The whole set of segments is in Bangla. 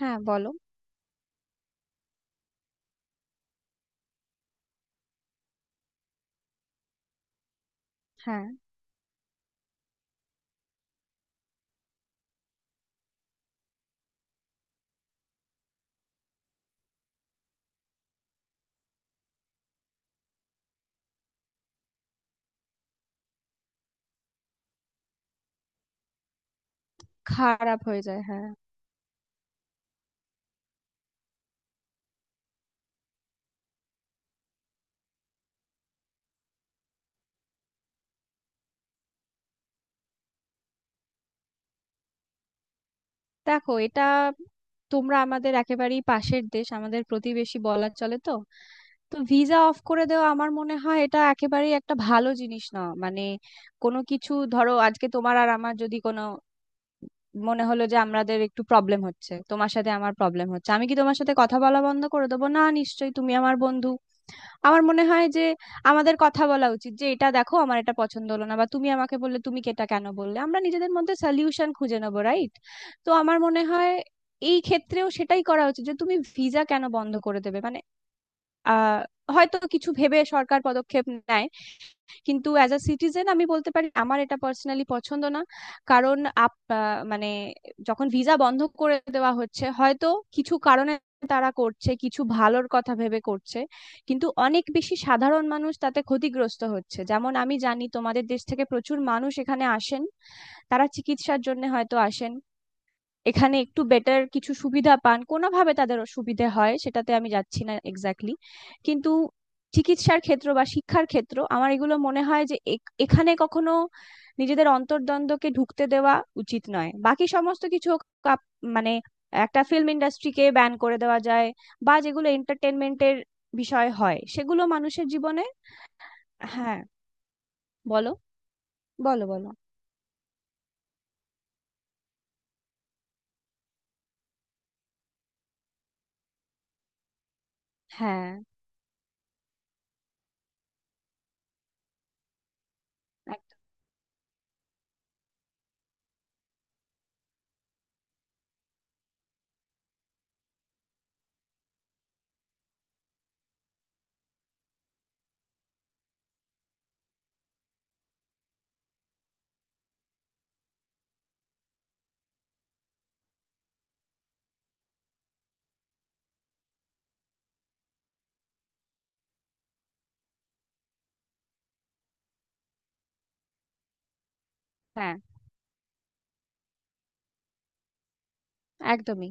হ্যাঁ, বলো। হ্যাঁ। খারাপ হয়ে যায়, হ্যাঁ। দেখো, এটা, তোমরা আমাদের একেবারেই পাশের দেশ, আমাদের প্রতিবেশী বলা চলে তো। তো ভিসা অফ করে দেওয়া আমার মনে হয় এটা একেবারেই একটা ভালো জিনিস না, মানে কোনো কিছু ধরো, আজকে তোমার আর আমার যদি কোনো মনে হলো যে আমাদের একটু প্রবলেম হচ্ছে, তোমার সাথে আমার প্রবলেম হচ্ছে, আমি কি তোমার সাথে কথা বলা বন্ধ করে দেবো? না, নিশ্চয়ই তুমি আমার বন্ধু। আমার মনে হয় যে আমাদের কথা বলা উচিত, যে এটা দেখো, আমার এটা পছন্দ হলো না, বা তুমি আমাকে বললে তুমি এটা কেন বললে, আমরা নিজেদের মধ্যে সলিউশন খুঁজে নেবো, রাইট? তো আমার মনে হয় এই ক্ষেত্রেও সেটাই করা উচিত, যে তুমি ভিসা কেন বন্ধ করে দেবে, মানে আহ হয়তো কিছু ভেবে সরকার পদক্ষেপ নেয়, কিন্তু অ্যাজ আ সিটিজেন আমি বলতে পারি আমার এটা পার্সোনালি পছন্দ না। কারণ আপ মানে, যখন ভিসা বন্ধ করে দেওয়া হচ্ছে হয়তো কিছু কারণে, তারা করছে, কিছু ভালোর কথা ভেবে করছে, কিন্তু অনেক বেশি সাধারণ মানুষ তাতে ক্ষতিগ্রস্ত হচ্ছে। যেমন আমি জানি তোমাদের দেশ থেকে প্রচুর মানুষ এখানে আসেন, তারা চিকিৎসার জন্য হয়তো আসেন, এখানে একটু বেটার কিছু সুবিধা পান, কোনোভাবে তাদের সুবিধে হয়, সেটাতে আমি যাচ্ছি না এক্স্যাক্টলি। কিন্তু চিকিৎসার ক্ষেত্র বা শিক্ষার ক্ষেত্র, আমার এগুলো মনে হয় যে এখানে কখনো নিজেদের অন্তর্দ্বন্দ্বকে ঢুকতে দেওয়া উচিত নয়। বাকি সমস্ত কিছু হোক, আপ- মানে, একটা ফিল্ম ইন্ডাস্ট্রিকে ব্যান করে দেওয়া যায়, বা যেগুলো এন্টারটেনমেন্টের বিষয় হয় সেগুলো মানুষের জীবনে... হ্যাঁ, বলো, বলো, বলো। হ্যাঁ। একদম। হ্যাঁ। একদমই।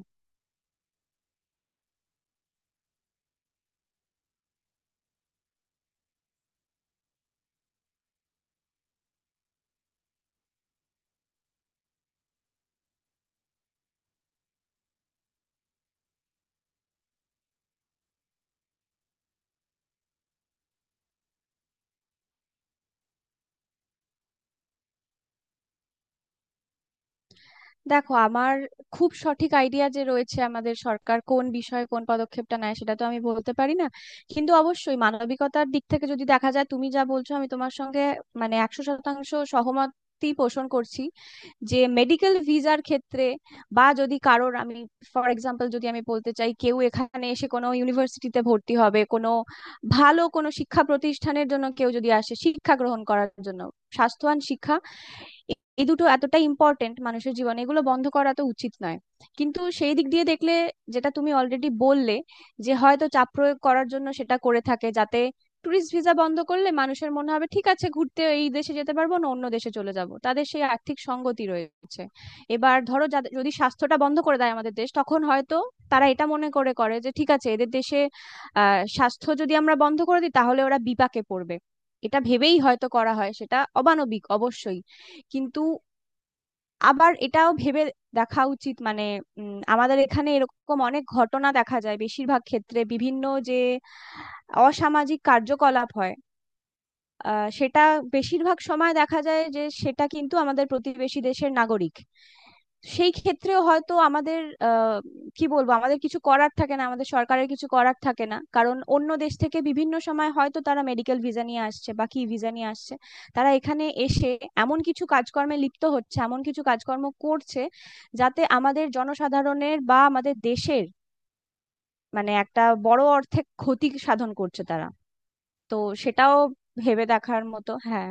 দেখো, আমার খুব সঠিক আইডিয়া যে রয়েছে আমাদের সরকার কোন বিষয়ে কোন পদক্ষেপটা নেয়, সেটা তো আমি বলতে পারি না, কিন্তু অবশ্যই মানবিকতার দিক থেকে যদি দেখা যায়, তুমি যা বলছো আমি তোমার সঙ্গে মানে একশো শতাংশ সহমতই পোষণ করছি। যে মেডিকেল ভিসার ক্ষেত্রে, বা যদি কারোর আমি ফর এক্সাম্পল যদি আমি বলতে চাই, কেউ এখানে এসে কোনো ইউনিভার্সিটিতে ভর্তি হবে, কোনো ভালো কোনো শিক্ষা প্রতিষ্ঠানের জন্য কেউ যদি আসে শিক্ষা গ্রহণ করার জন্য, স্বাস্থ্যবান শিক্ষা, এই দুটো এতটা ইম্পর্টেন্ট মানুষের জীবনে, এগুলো বন্ধ করা তো উচিত নয়। কিন্তু সেই দিক দিয়ে দেখলে, যেটা তুমি অলরেডি বললে, যে হয়তো চাপ প্রয়োগ করার জন্য সেটা করে থাকে, যাতে টুরিস্ট ভিসা বন্ধ করলে মানুষের মনে হবে ঠিক আছে, ঘুরতে এই দেশে যেতে পারবো না, অন্য দেশে চলে যাব, তাদের সেই আর্থিক সঙ্গতি রয়েছে। এবার ধরো, যদি স্বাস্থ্যটা বন্ধ করে দেয় আমাদের দেশ, তখন হয়তো তারা এটা মনে করে করে যে ঠিক আছে, এদের দেশে স্বাস্থ্য যদি আমরা বন্ধ করে দিই তাহলে ওরা বিপাকে পড়বে, এটা ভেবেই হয়তো করা হয়। সেটা অমানবিক অবশ্যই, কিন্তু আবার এটাও ভেবে দেখা উচিত, মানে আমাদের এখানে এরকম অনেক ঘটনা দেখা যায় বেশিরভাগ ক্ষেত্রে, বিভিন্ন যে অসামাজিক কার্যকলাপ হয়, সেটা বেশিরভাগ সময় দেখা যায় যে সেটা কিন্তু আমাদের প্রতিবেশী দেশের নাগরিক। সেই ক্ষেত্রেও হয়তো আমাদের আহ কি বলবো, আমাদের কিছু করার থাকে না, আমাদের সরকারের কিছু করার থাকে না, কারণ অন্য দেশ থেকে বিভিন্ন সময় হয়তো তারা মেডিকেল ভিসা নিয়ে আসছে বা কি ভিসা নিয়ে আসছে, তারা এখানে এসে এমন কিছু কাজকর্মে লিপ্ত হচ্ছে, এমন কিছু কাজকর্ম করছে, যাতে আমাদের জনসাধারণের বা আমাদের দেশের মানে একটা বড় অর্থে ক্ষতি সাধন করছে তারা। তো সেটাও ভেবে দেখার মতো, হ্যাঁ।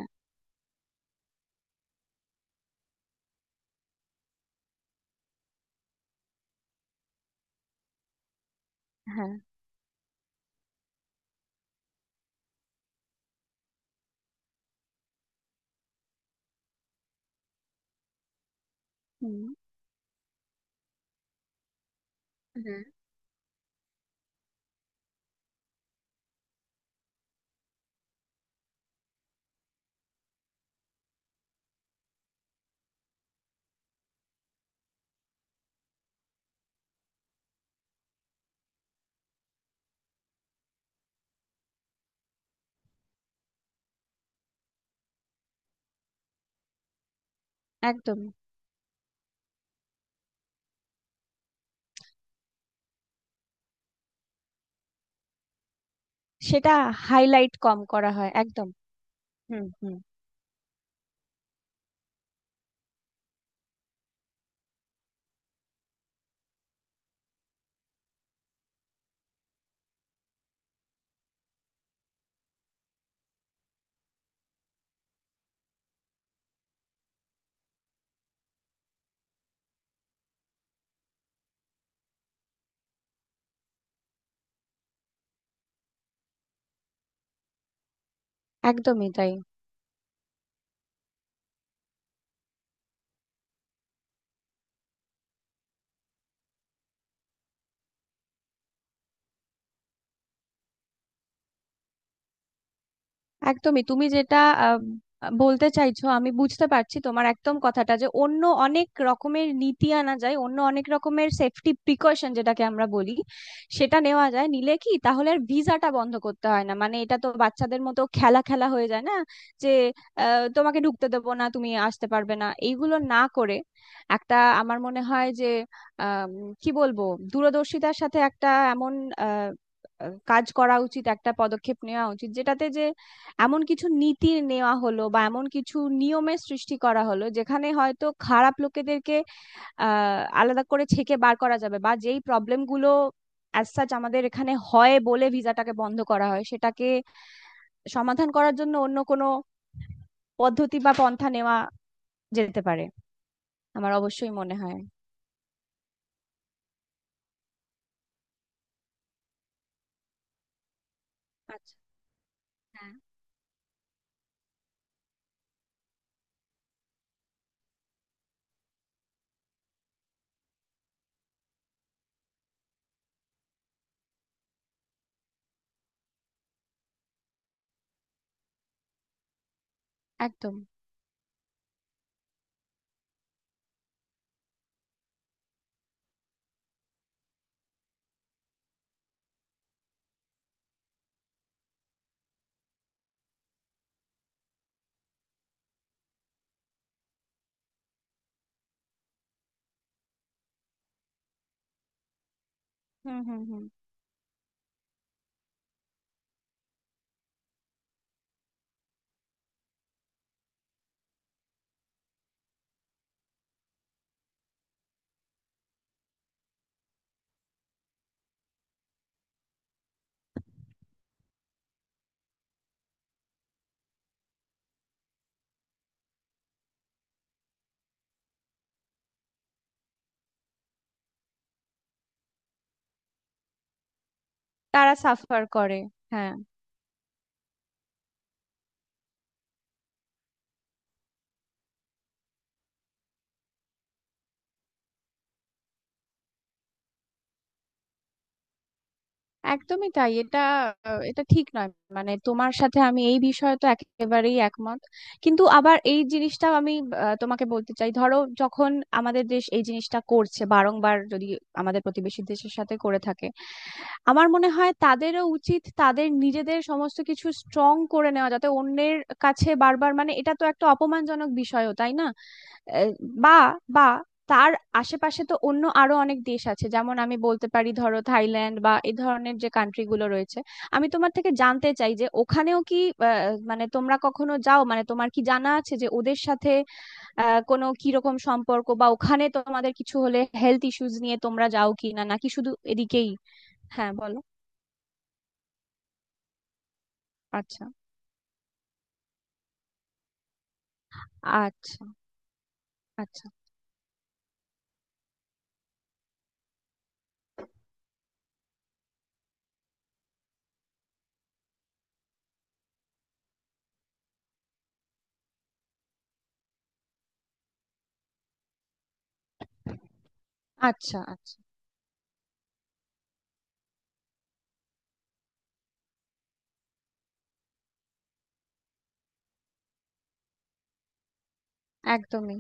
হ্যাঁ। হুম, হুম। একদম। সেটা হাইলাইট কম করা হয়, একদম। হুম, হুম। একদমই তাই। একদমই, তুমি যেটা আহ, বলতে চাইছো আমি বুঝতে পারছি তোমার একদম কথাটা, যে অন্য অনেক রকমের নীতি আনা যায়, অন্য অনেক রকমের সেফটি প্রিকশন যেটাকে আমরা বলি, সেটা নেওয়া যায়, নিলে কি তাহলে আর ভিসাটা বন্ধ করতে হয় না? মানে এটা তো বাচ্চাদের মতো খেলা খেলা হয়ে যায়, না যে তোমাকে ঢুকতে দেবো না, তুমি আসতে পারবে না, এইগুলো না করে একটা আমার মনে হয় যে আম, কি বলবো, দূরদর্শিতার সাথে একটা এমন আহ, আহ, কাজ করা উচিত, একটা পদক্ষেপ নেওয়া উচিত যেটাতে যে এমন কিছু নীতি নেওয়া হলো বা এমন কিছু নিয়মের সৃষ্টি করা হলো যেখানে হয়তো খারাপ লোকেদেরকে আলাদা করে ছেঁকে বার করা যাবে, বা যেই প্রবলেম গুলো অ্যাজ সাচ আমাদের এখানে হয় বলে ভিসাটাকে বন্ধ করা হয় সেটাকে সমাধান করার জন্য অন্য কোনো পদ্ধতি বা পন্থা নেওয়া যেতে পারে। আমার অবশ্যই মনে হয়। আচ্ছা। হ্যাঁ। একদম। হুম, হুম, হুম। তারা সাফার করে। হ্যাঁ। একদমই তাই। এটা এটা ঠিক নয়, মানে তোমার সাথে আমি এই বিষয়ে তো একেবারেই একমত, কিন্তু আবার এই জিনিসটাও আমি তোমাকে বলতে চাই, ধরো যখন আমাদের দেশ এই জিনিসটা করছে বারংবার, যদি আমাদের প্রতিবেশী দেশের সাথে করে থাকে, আমার মনে হয় তাদেরও উচিত তাদের নিজেদের সমস্ত কিছু স্ট্রং করে নেওয়া, যাতে অন্যের কাছে বারবার, মানে এটা তো একটা অপমানজনক বিষয়ও, তাই না? আহ, বা বা তার আশেপাশে তো অন্য আরো অনেক দেশ আছে, যেমন আমি বলতে পারি ধরো থাইল্যান্ড বা এই ধরনের যে কান্ট্রি গুলো রয়েছে। আমি তোমার থেকে জানতে চাই যে ওখানেও কি আহ, মানে তোমরা কখনো যাও, মানে তোমার কি জানা আছে যে ওদের সাথে কোনো কিরকম সম্পর্ক, বা ওখানে তোমাদের কিছু হলে হেলথ ইস্যুজ নিয়ে তোমরা যাও কি না, নাকি শুধু এদিকেই? হ্যাঁ, বলো। আচ্ছা। আচ্ছা। আচ্ছা। আচ্ছা। আচ্ছা। একদমই।